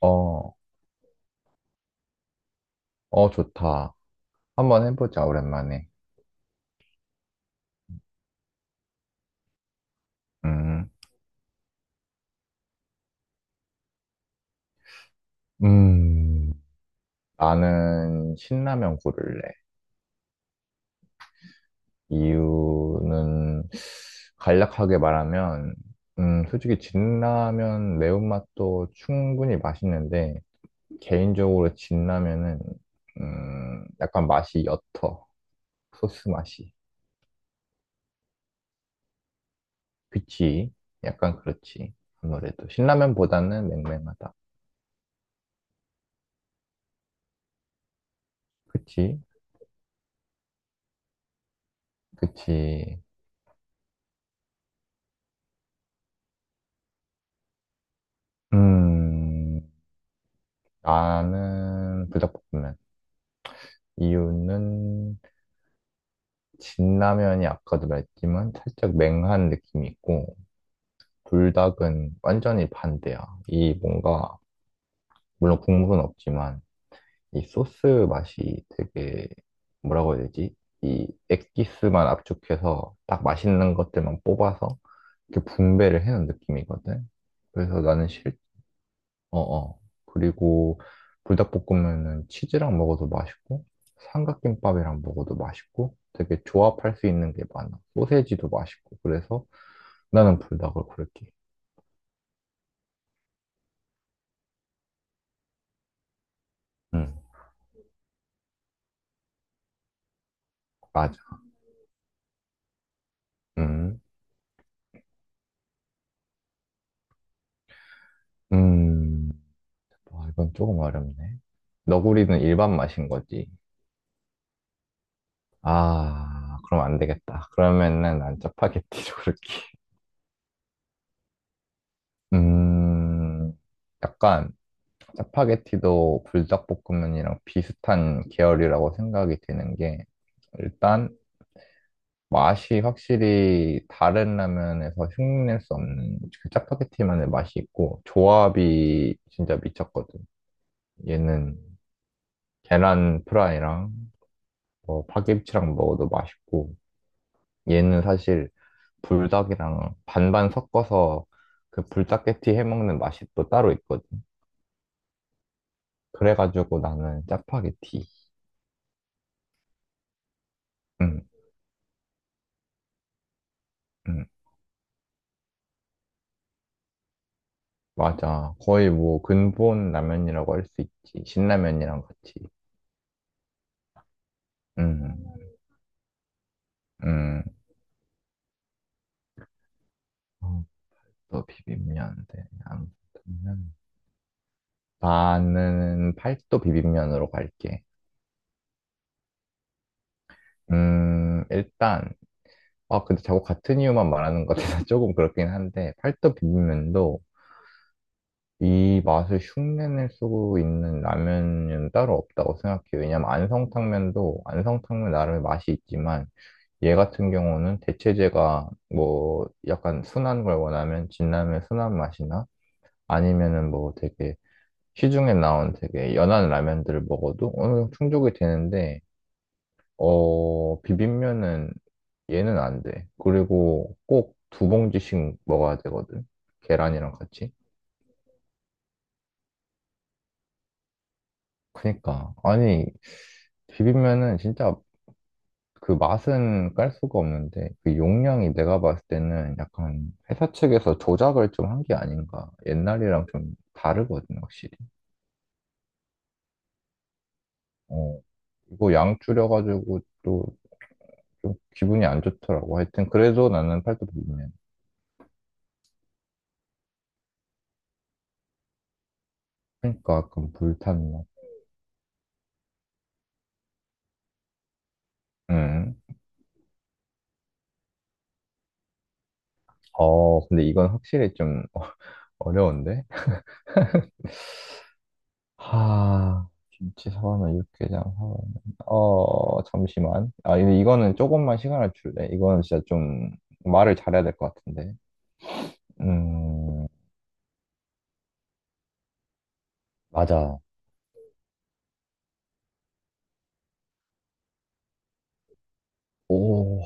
어, 어, 좋다. 한번 해보자, 오랜만에. 음, 음, 나는 신라면 고를래. 이유는 간략하게 말하면, 솔직히 진라면 매운맛도 충분히 맛있는데, 개인적으로 진라면은, 약간 맛이 옅어. 소스 맛이. 그치? 약간 그렇지. 아무래도. 신라면보다는 맹맹하다. 그치? 그치. 음, 나는 불닭볶음면. 이유는 진라면이 아까도 말했지만 살짝 맹한 느낌이 있고 불닭은 완전히 반대야. 이 뭔가 물론 국물은 없지만 이 소스 맛이 되게 뭐라고 해야 되지? 이 액기스만 압축해서 딱 맛있는 것들만 뽑아서 이렇게 분배를 해놓은 느낌이거든. 그래서 나는 어어. 그리고 불닭볶음면은 치즈랑 먹어도 맛있고, 삼각김밥이랑 먹어도 맛있고, 되게 조합할 수 있는 게 많아. 소세지도 맛있고. 그래서 나는 불닭을 고를게. 응, 맞아. 음, 음. 와, 이건 조금 어렵네. 너구리는 일반 맛인 거지. 아, 그럼 안 되겠다. 그러면은 난 짜파게티로 고를게. 음, 약간 짜파게티도 불닭볶음면이랑 비슷한 계열이라고 생각이 드는 게 일단 맛이 확실히 다른 라면에서 흉내낼 수 없는 그 짜파게티만의 맛이 있고 조합이 진짜 미쳤거든. 얘는 계란 프라이랑 뭐 파김치랑 먹어도 맛있고 얘는 사실 불닭이랑 반반 섞어서 그 불닭게티 해먹는 맛이 또 따로 있거든. 그래가지고 나는 짜파게티. 응, 응. 맞아. 거의 뭐 근본 라면이라고 할 수 있지. 신라면이랑 같이. 음, 음. 어, 또 비빔면인데. 아무튼 나는 팔도 비빔면으로 갈게. 일단 아 근데 자꾸 같은 이유만 말하는 것 같아서 조금 그렇긴 한데 팔도 비빔면도 이 맛을 흉내낼 수 있는 라면은 따로 없다고 생각해요. 왜냐면 안성탕면도 안성탕면 나름의 맛이 있지만 얘 같은 경우는 대체제가 뭐 약간 순한 걸 원하면 진라면 순한 맛이나 아니면은 뭐 되게 시중에 나온 되게 연한 라면들을 먹어도 어느 정도 충족이 되는데 비빔면은 얘는 안 돼. 그리고 꼭 두 봉지씩 먹어야 되거든. 계란이랑 같이. 그니까 아니 비빔면은 진짜 그 맛은 깔 수가 없는데 그 용량이 내가 봤을 때는 약간 회사 측에서 조작을 좀 한 게 아닌가. 옛날이랑 좀 다르거든, 확실히. 어. 이거 양 줄여가지고 또 좀 기분이 안 좋더라고. 하여튼 그래도 나는 팔도 비빔면. 그러니까 약간 불탄 맛. 음. 근데 이건 확실히 좀 어려운데? 하, 김치 사발면 육개장 사발면. 잠시만. 아, 근데 이거는 조금만 시간을 줄래. 이거는 진짜 좀 말을 잘해야 될 것 같은데. 음, 맞아. 오,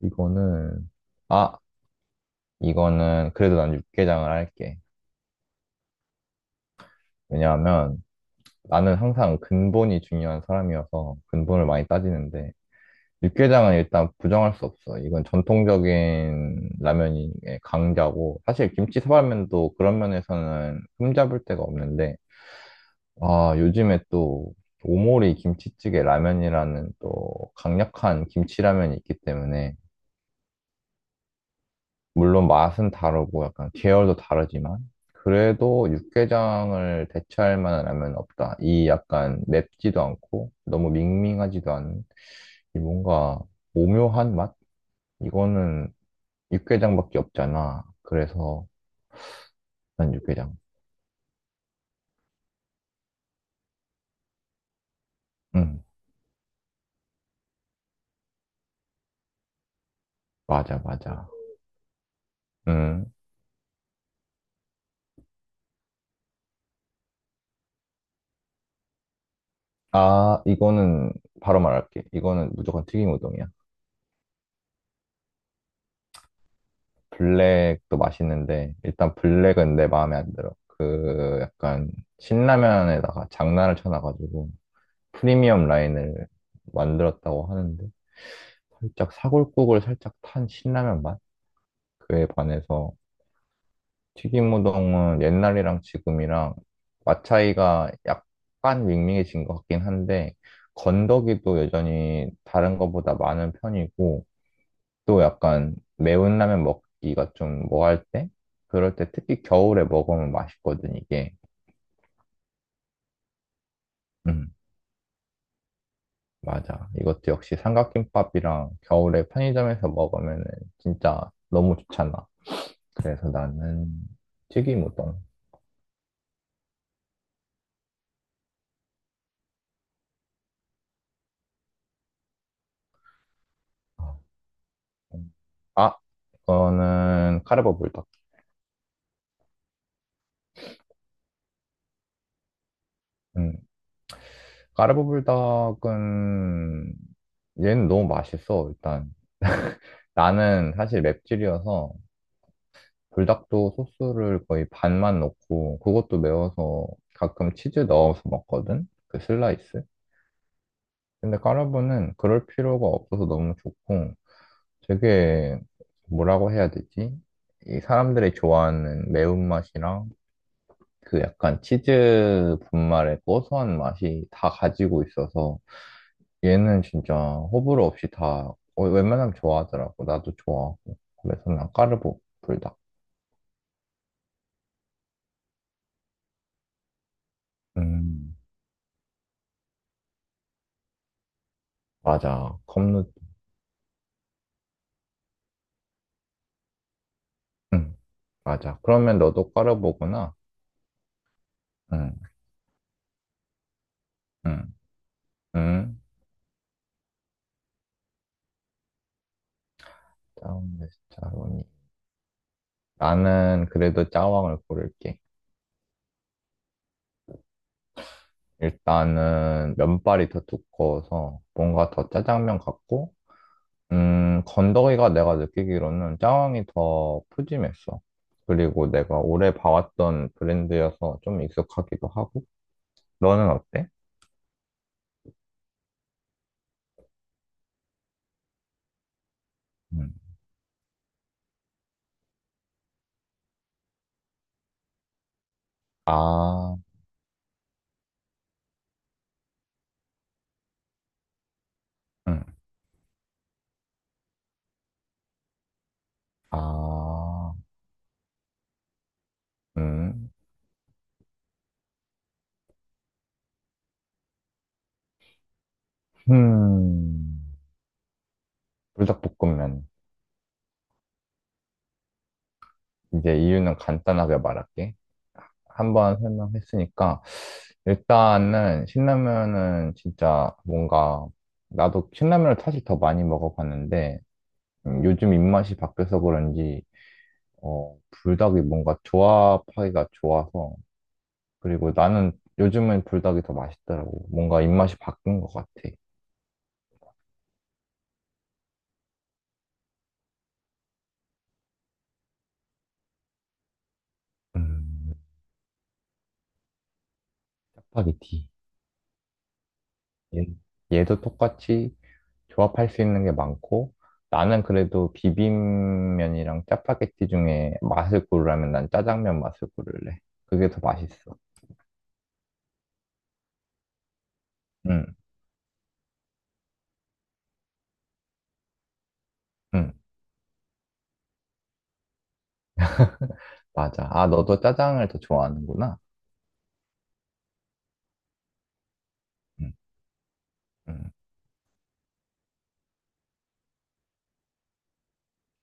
이거는 아, 이거는 그래도 난 육개장을 할게. 왜냐하면 나는 항상 근본이 중요한 사람이어서 근본을 많이 따지는데 육개장은 일단 부정할 수 없어. 이건 전통적인 라면의 강자고, 사실 김치 사발면도 그런 면에서는 흠잡을 데가 없는데, 아, 요즘에 또 오모리 김치찌개 라면이라는 또 강력한 김치라면이 있기 때문에, 물론 맛은 다르고 약간 계열도 다르지만, 그래도 육개장을 대체할 만한 라면은 없다. 이 약간 맵지도 않고, 너무 밍밍하지도 않은, 이 뭔가 오묘한 맛? 이거는 육개장밖에 없잖아. 그래서 난 육개장. 응, 맞아, 맞아. 응. 아, 이거는 바로 말할게. 이거는 무조건 튀김 우동이야. 블랙도 맛있는데 일단 블랙은 내 마음에 안 들어. 그 약간 신라면에다가 장난을 쳐놔가지고 프리미엄 라인을 만들었다고 하는데 살짝 사골국을 살짝 탄 신라면 맛? 그에 반해서 튀김우동은 옛날이랑 지금이랑 맛 차이가 약간 밍밍해진 것 같긴 한데, 건더기도 여전히 다른 것보다 많은 편이고, 또 약간 매운 라면 먹기가 좀 뭐할 때? 그럴 때 특히 겨울에 먹으면 맛있거든, 이게. 음, 맞아. 이것도 역시 삼각김밥이랑 겨울에 편의점에서 먹으면 진짜 너무 좋잖아. 그래서 나는 튀김우동. 아, 그거는 카르보 불닭. 까르보불닭은 얘는 너무 맛있어, 일단. 나는 사실 맵찔이어서 불닭도 소스를 거의 반만 넣고 그것도 매워서 가끔 치즈 넣어서 먹거든? 그 슬라이스? 근데 까르보는 그럴 필요가 없어서 너무 좋고 되게 뭐라고 해야 되지? 이 사람들이 좋아하는 매운맛이랑 그 약간 치즈 분말의 고소한 맛이 다 가지고 있어서 얘는 진짜 호불호 없이 다 웬만하면 좋아하더라고. 나도 좋아하고. 그래서 난 까르보 불닭. 음, 맞아. 컵누. 응, 맞아. 그러면 너도 까르보구나. 응, 응, 응. 짜왕 네스짜로니 나는 그래도 짜왕을 고를게. 일단은 면발이 더 두꺼워서 뭔가 더 짜장면 같고 건더기가 내가 느끼기로는 짜왕이 더 푸짐했어. 그리고 내가 오래 봐왔던 브랜드여서 좀 익숙하기도 하고. 너는 어때? 음. 아, 음. 아, 음. 음. 불닭볶음면. 이제 이유는 간단하게 말할게. 한번 설명했으니까, 일단은 신라면은 진짜 뭔가, 나도 신라면을 사실 더 많이 먹어봤는데, 요즘 입맛이 바뀌어서 그런지, 불닭이 뭔가 조합하기가 좋아서. 그리고 나는 요즘엔 불닭이 더 맛있더라고. 뭔가 입맛이 바뀐 것 같아. 음, 짜파게티. 얘, 얘도 똑같이 조합할 수 있는 게 많고, 나는 그래도 비빔면이랑 짜파게티 중에 맛을 고르라면 난 짜장면 맛을 고를래. 그게 더 맛있어. 응, 응, 맞아. 아, 너도 짜장을 더 좋아하는구나. 응, 응.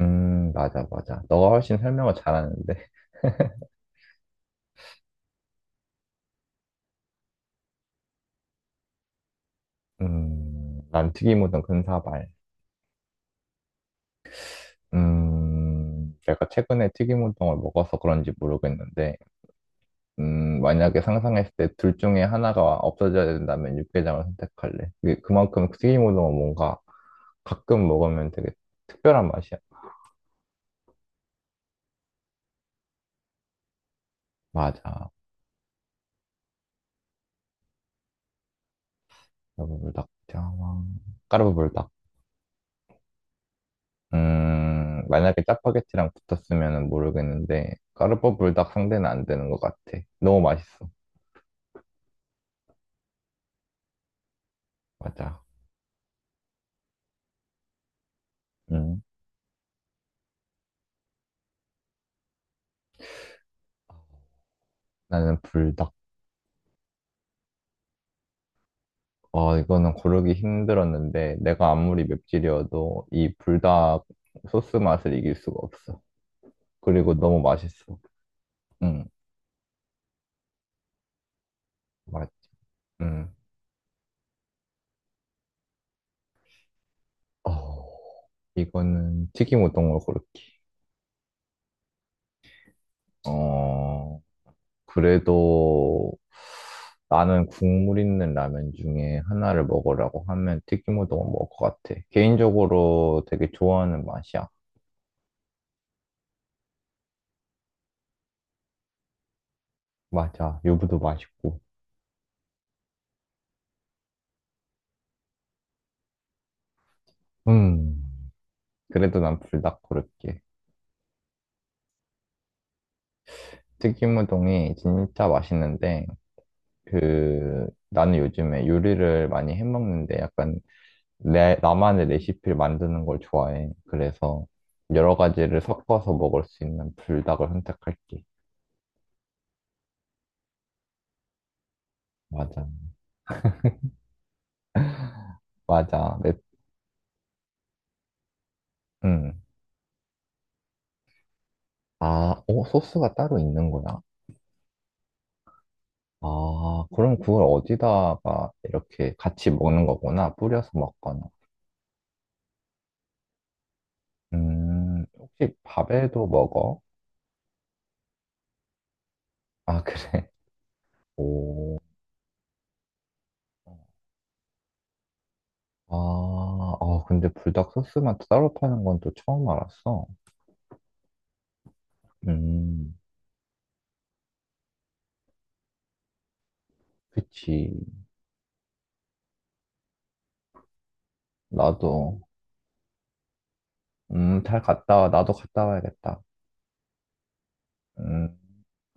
맞아, 맞아. 너가 훨씬 설명을 잘하는데. 난 튀김우동 근사발. 내가 최근에 튀김우동을 먹어서 그런지 모르겠는데, 만약에 상상했을 때 둘 중에 하나가 없어져야 된다면 육개장을 선택할래. 그게 그만큼 튀김우동은 뭔가 가끔 먹으면 되게 특별한 맛이야. 맞아. 까르보불닭, 장황. 까르보불닭. 만약에 짜파게티랑 붙었으면 모르겠는데, 까르보불닭 상대는 안 되는 것 같아. 너무 맛있어. 맞아. 음. 나는 불닭. 아, 이거는 고르기 힘들었는데, 내가 아무리 맵찔이어도 이 불닭 소스 맛을 이길 수가 없어. 그리고 너무 맛있어. 응, 맞지. 응. 어, 이거는 튀김 우동으로 고를게. 어, 그래도 나는 국물 있는 라면 중에 하나를 먹으라고 하면 튀김 우동을 먹을 것 같아. 개인적으로 되게 좋아하는 맛이야. 맞아. 유부도 맛있고. 음, 그래도 난 불닭 고를게. 튀김우동이 진짜 맛있는데 그 나는 요즘에 요리를 많이 해먹는데 약간 내 나만의 레시피를 만드는 걸 좋아해. 그래서 여러 가지를 섞어서 먹을 수 있는 불닭을 선택할게. 맞아. 맞아. 음. 아, 소스가 따로 있는 거야? 아, 그럼 그걸 어디다가 이렇게 같이 먹는 거구나. 뿌려서 먹거나. 혹시 밥에도 먹어? 아, 그래. 오. 아, 아, 근데 불닭 소스만 따로 파는 건 또 처음 알았어. 음, 그치. 나도, 잘 갔다 와. 나도 갔다 와야겠다. 음.